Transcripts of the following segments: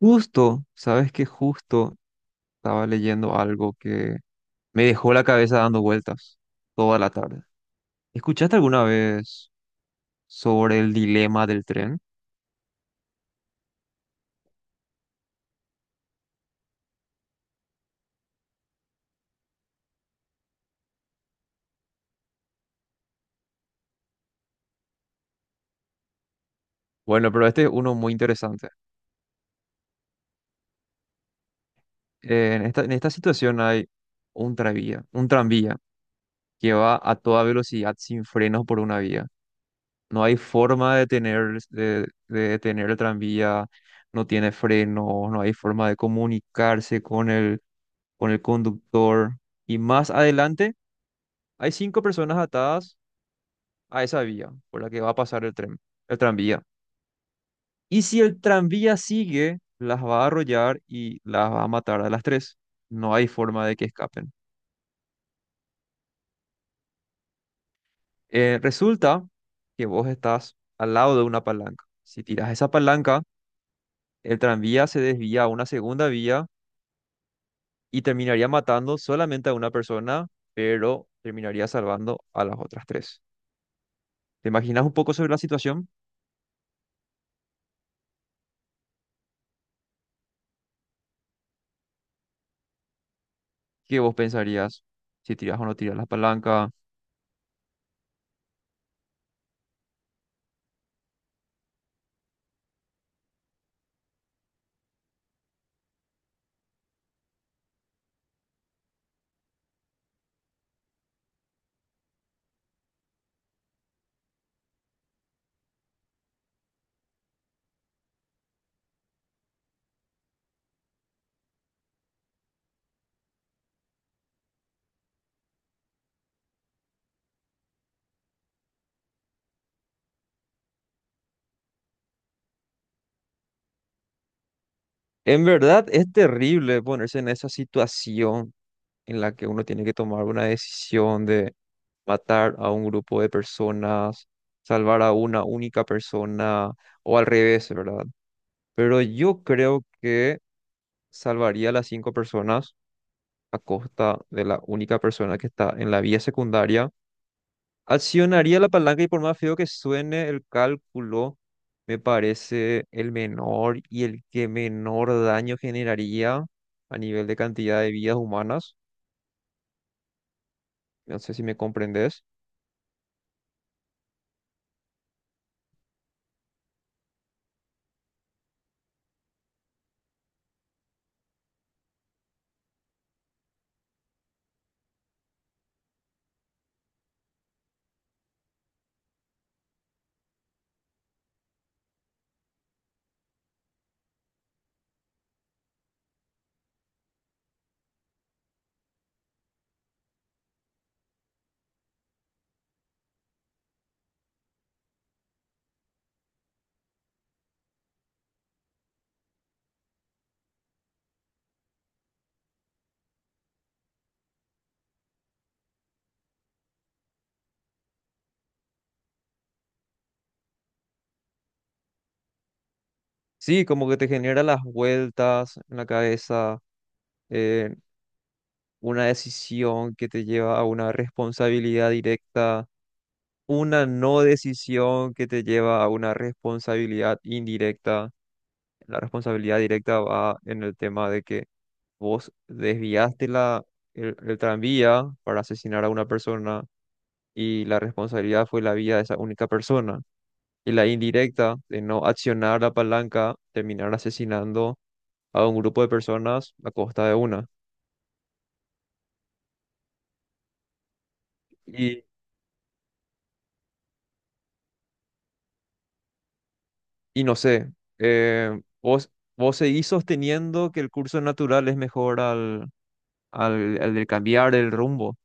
Justo, sabes que justo estaba leyendo algo que me dejó la cabeza dando vueltas toda la tarde. ¿Escuchaste alguna vez sobre el dilema del tren? Bueno, pero este es uno muy interesante. En esta situación hay un tranvía que va a toda velocidad sin frenos por una vía. No hay forma de detener, de detener el tranvía, no tiene frenos, no hay forma de comunicarse con el conductor. Y más adelante hay cinco personas atadas a esa vía por la que va a pasar el tren, el tranvía. Y si el tranvía sigue, las va a arrollar y las va a matar a las tres. No hay forma de que escapen. Resulta que vos estás al lado de una palanca. Si tiras esa palanca, el tranvía se desvía a una segunda vía y terminaría matando solamente a una persona, pero terminaría salvando a las otras tres. ¿Te imaginas un poco sobre la situación? ¿Qué vos pensarías? Si tiras o no tiras la palanca, en verdad es terrible ponerse en esa situación en la que uno tiene que tomar una decisión de matar a un grupo de personas, salvar a una única persona o al revés, ¿verdad? Pero yo creo que salvaría a las cinco personas a costa de la única persona que está en la vía secundaria. Accionaría la palanca y por más feo que suene el cálculo, me parece el menor y el que menor daño generaría a nivel de cantidad de vidas humanas. No sé si me comprendes. Sí, como que te genera las vueltas en la cabeza, eh, una decisión que te lleva a una responsabilidad directa, una no decisión que te lleva a una responsabilidad indirecta. La responsabilidad directa va en el tema de que vos desviaste el tranvía para asesinar a una persona y la responsabilidad fue la vida de esa única persona. Y la indirecta de no accionar la palanca, terminar asesinando a un grupo de personas a costa de una. Y, y no sé, eh, vos, vos seguís sosteniendo que el curso natural es mejor al de cambiar el rumbo.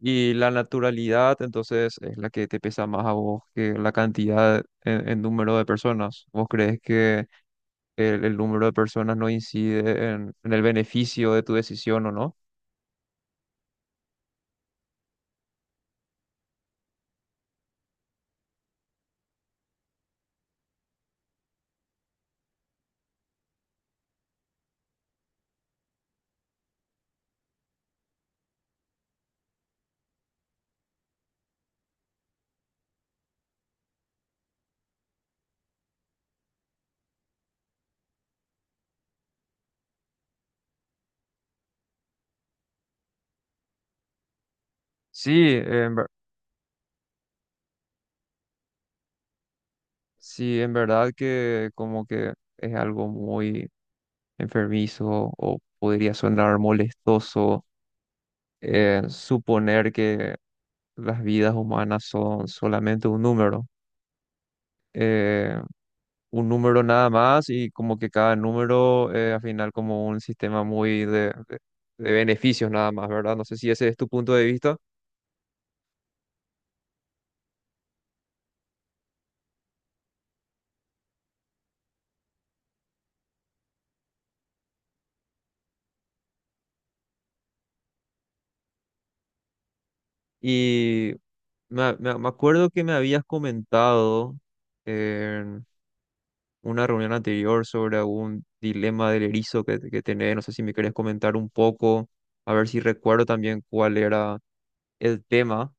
Y la naturalidad, entonces, es la que te pesa más a vos que la cantidad en número de personas. ¿Vos crees que el número de personas no incide en el beneficio de tu decisión o no? Sí, en, ver- sí, en verdad que como que es algo muy enfermizo o podría sonar molestoso, suponer que las vidas humanas son solamente un número. Eh, un número nada más, y como que cada número al final como un sistema muy de beneficios nada más, ¿verdad? No sé si ese es tu punto de vista. Y me acuerdo que me habías comentado en una reunión anterior sobre algún dilema del erizo que tenés, no sé si me querés comentar un poco, a ver si recuerdo también cuál era el tema.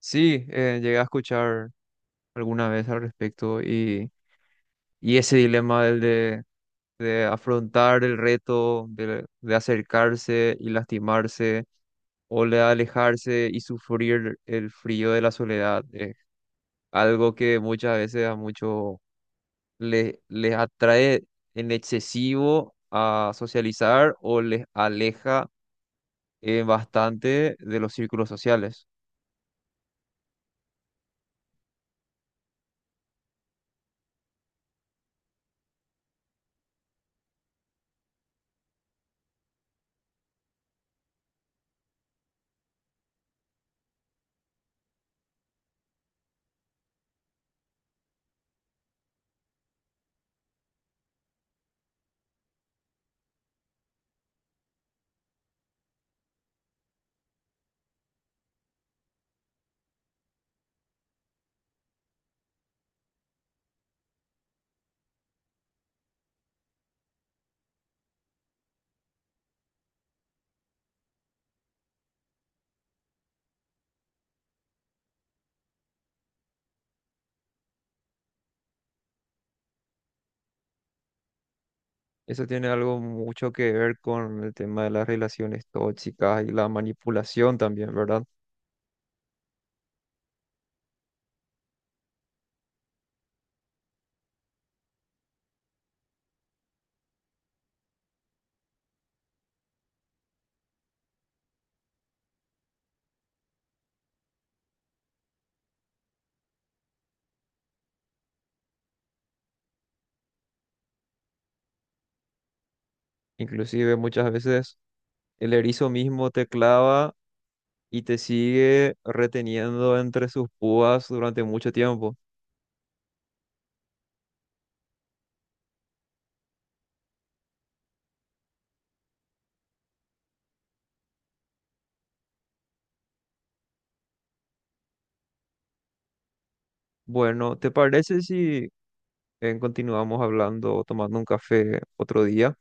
Sí, llegué a escuchar alguna vez al respecto y ese dilema del de afrontar el reto, de acercarse y lastimarse, o de alejarse y sufrir el frío de la soledad. Es algo que muchas veces a muchos les atrae en excesivo a socializar o les aleja, bastante, de los círculos sociales. Eso tiene algo mucho que ver con el tema de las relaciones tóxicas y la manipulación también, ¿verdad? Inclusive muchas veces el erizo mismo te clava y te sigue reteniendo entre sus púas durante mucho tiempo. Bueno, ¿te parece si continuamos hablando, tomando un café otro día?